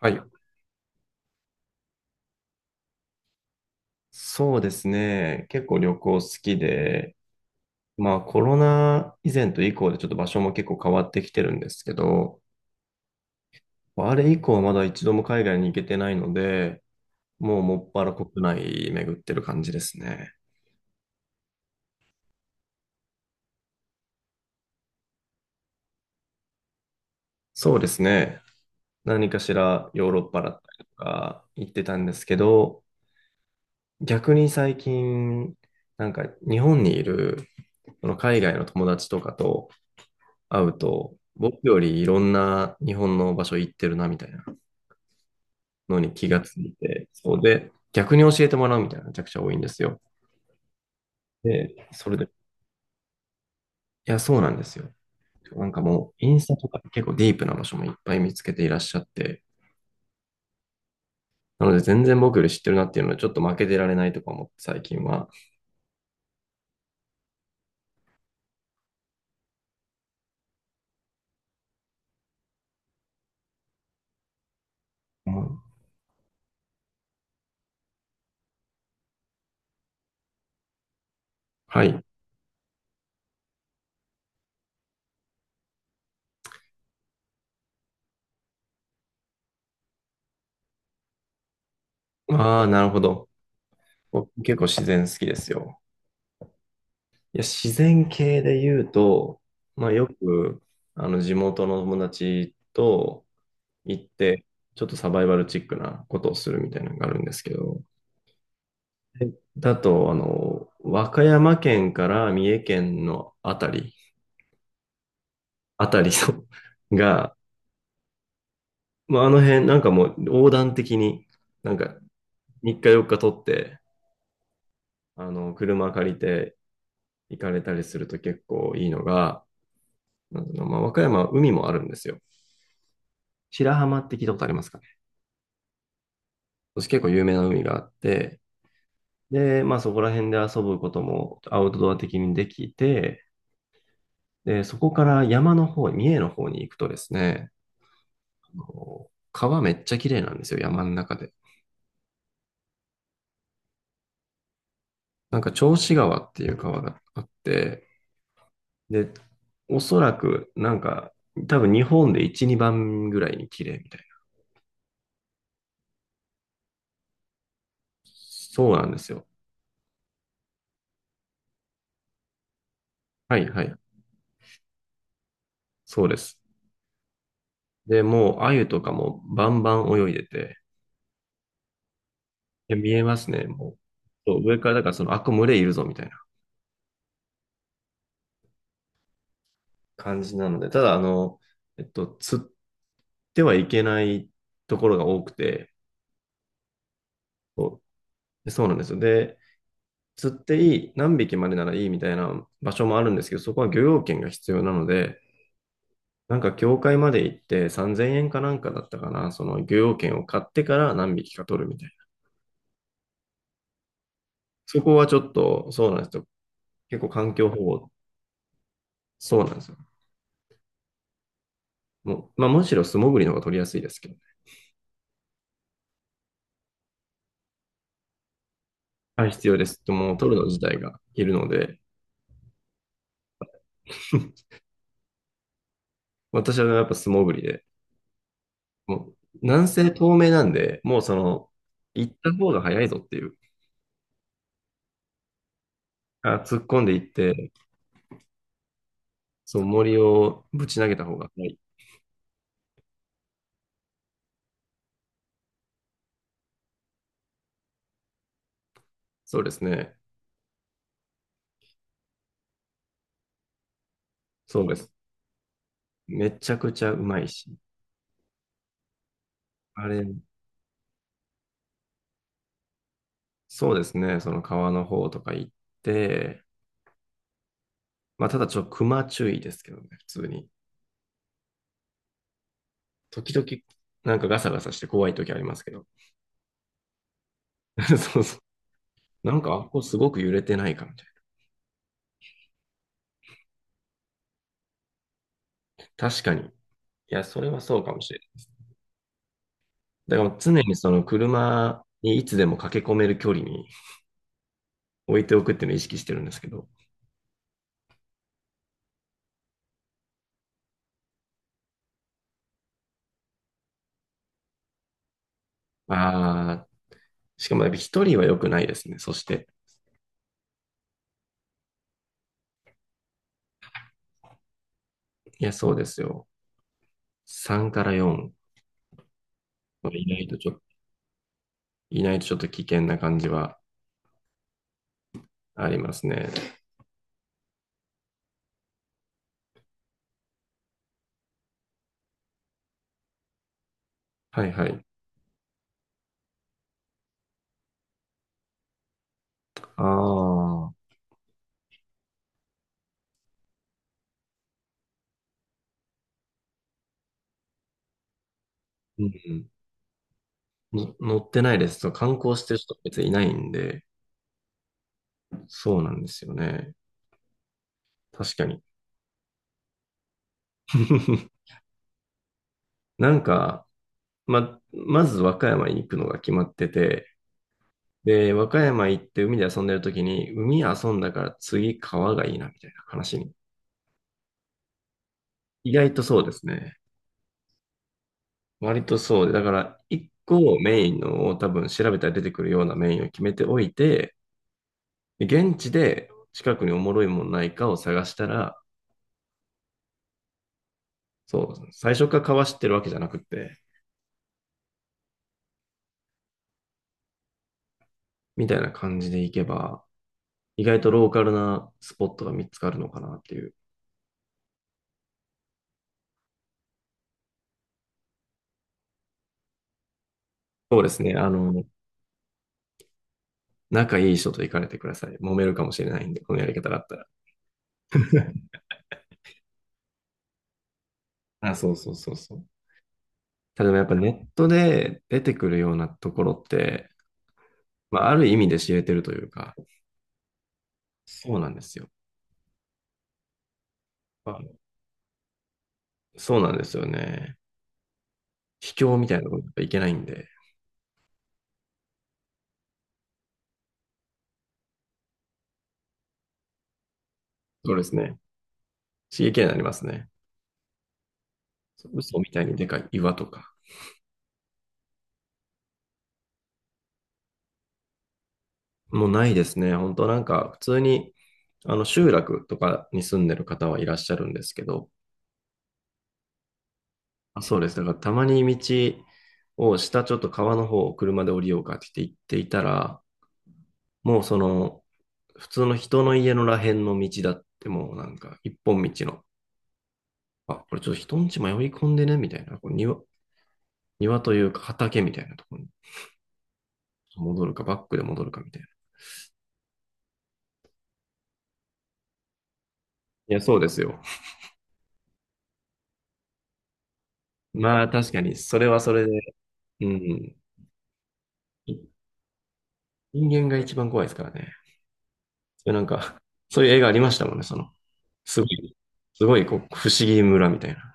はい。そうですね。結構旅行好きで、まあコロナ以前と以降でちょっと場所も結構変わってきてるんですけど、まあれ以降はまだ一度も海外に行けてないので、もうもっぱら国内巡ってる感じですね。そうですね。何かしらヨーロッパだったりとか行ってたんですけど、逆に最近、なんか日本にいるその海外の友達とかと会うと、僕よりいろんな日本の場所行ってるなみたいな。のに気がついて、そうで、逆に教えてもらうみたいなのがめちゃくちゃ多いんですよ。で、それで、いや、そうなんですよ。なんかもう、インスタとか結構ディープな場所もいっぱい見つけていらっしゃって、なので全然僕より知ってるなっていうので、ちょっと負けてられないとか思って最近は。うん、はい。ああ、なるほど。僕結構自然好きですよ。いや、自然系で言うと、まあよく、あの、地元の友達と行って、ちょっとサバイバルチックなことをするみたいなのがあるんですけど、だと、あの、和歌山県から三重県のあたり、あたりの が、まあ、あの辺、なんかもう横断的に、なんか3日4日取って、あの、車借りて行かれたりすると結構いいのが、なんていうの、まあ、和歌山は海もあるんですよ。白浜って聞いたことありますかね？そして結構有名な海があって、で、まあそこら辺で遊ぶこともアウトドア的にできて、で、そこから山の方、三重の方に行くとですね、川めっちゃ綺麗なんですよ、山の中で。なんか、銚子川っていう川があって、で、おそらく、多分日本で1、2番ぐらいに綺麗みたいな。そうなんですよ。はいはい。そうです。で、もう、鮎とかもバンバン泳いでて、いや見えますね、もう。そう上から、だからその、あ、これ群れいるぞ、みたいな感じなので、ただ、あの、釣ってはいけないところが多くて、そうでそうなんですよ。で、釣っていい、何匹までならいいみたいな場所もあるんですけど、そこは漁業権が必要なので、なんか協会まで行って3000円かなんかだったかな、その漁業権を買ってから何匹か取るみたいな。そこはちょっと、そうなんですよ。結構環境保護、そうなんですよ。もう、まあ、むしろ素潜りの方が取りやすいですけど、ね、はい、必要です。もう取るの自体がいるので、私はやっぱ素潜りで、もう、南西透明なんで、もうその、行った方が早いぞっていう、あ、突っ込んでいって、そう、森をぶち投げた方が、はい。そうですね。そうです。めちゃくちゃうまいし。あれ、そうですね。その川の方とか行って、まあ、ただちょっと熊注意ですけどね、普通に。時々、なんかガサガサして怖い時ありますけど。そうそう。なんか、あ、ここすごく揺れてないかみたいな。確かに。いや、それはそうかもしれない。だから常にその車にいつでも駆け込める距離に置いておくっていうのを意識してるんですけど。ああ、しかもやっぱ一人は良くないですね。そして。いや、そうですよ。3から4いないとちょ、いないとちょっと危険な感じはありますね。はいはい。ああ、うん。の乗ってないです。そう観光してる人別にいないんで、そうなんですよね。確かに。なんか、まず和歌山に行くのが決まってて、で、和歌山行って海で遊んでる時に、海遊んだから次川がいいなみたいな話に。意外とそうですね。割とそうで、だから、一個をメインのを多分調べたら出てくるようなメインを決めておいて、で現地で近くにおもろいもんないかを探したら、そう、最初からかわしてるわけじゃなくて、みたいな感じでいけば、意外とローカルなスポットが見つかるのかなっていう。そうですね。あの、仲いい人と行かれてください。揉めるかもしれないんで、このやり方だったら。あ、そうそう。ただやっぱネットで出てくるようなところって、まあ、ある意味で知れてるというか、そうなんですよ。あそうなんですよね。秘境みたいなところにいけないんで、そうですね。刺激になりますね。嘘みたいにでかい岩とか。もうないですね。本当なんか、普通に、あの、集落とかに住んでる方はいらっしゃるんですけど、あそうです。だから、たまに道を下ちょっと川の方を車で降りようかって言っていたら、もうその、普通の人の家のらへんの道だって、もうなんか、一本道の、あ、これちょっと人んち迷い込んでね、みたいな。これ庭、庭というか畑みたいなところに戻るか、バックで戻るかみたいな。いや、そうですよ。まあ、確かに、それはそれで、うん。人間が一番怖いですからね。それなんか、そういう映画ありましたもんね、その、すごい、すごい、こう、不思議村みたいな。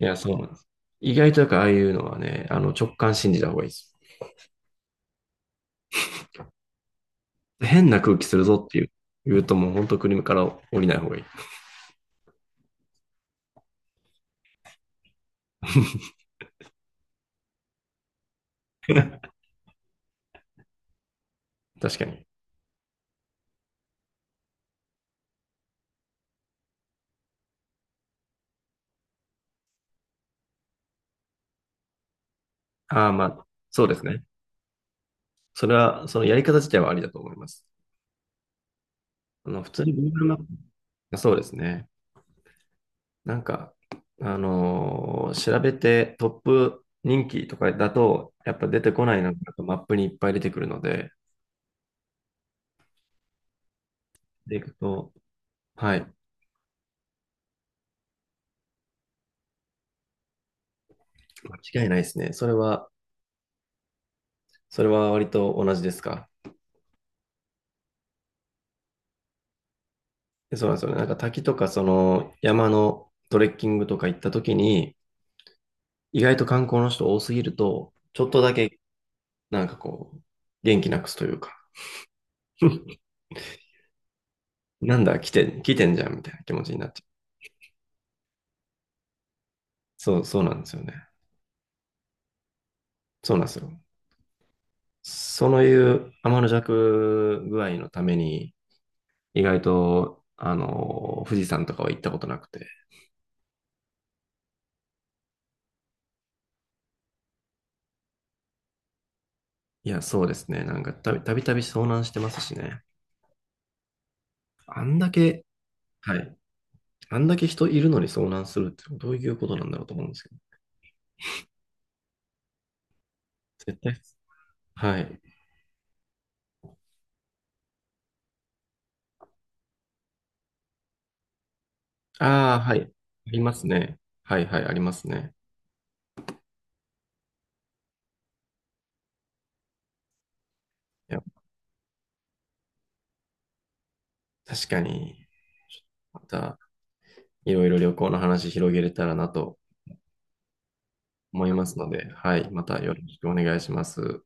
いや、そうなんです。意外とやっぱああいうのはね、あの、直感信じた方がいいです。変な空気するぞっていう、言うともう本当国から降りない方がいい。確かに。ああ、まあ、そうですね。それは、そのやり方自体はありだと思います。あの、普通に Google マッそうですね。なんか、調べてトップ人気とかだと、やっぱ出てこないのがマップにいっぱい出てくるので、でいくと、はい、間違いないですね。それは、それは割と同じですか？でそうなんですよね。なんか滝とかその山のトレッキングとか行った時に、意外と観光の人多すぎると、ちょっとだけなんかこう、元気なくすというか、なんだ、来てんじゃんみたいな気持ちになっちゃう。そうなんですよね。そうなんですよ。そういう天の弱具合のために、意外と、あの、富士山とかは行ったことなくて。いや、そうですね。なんかたびたび遭難してますしね。あんだけ、はい。あんだけ人いるのに遭難するってどういうことなんだろうと思うんですけど。絶対。はい。ああ、はい。ありますね。はいはい、ありますね。いや、確かに、また、いろいろ旅行の話広げれたらなと思いますので、はい。またよろしくお願いします。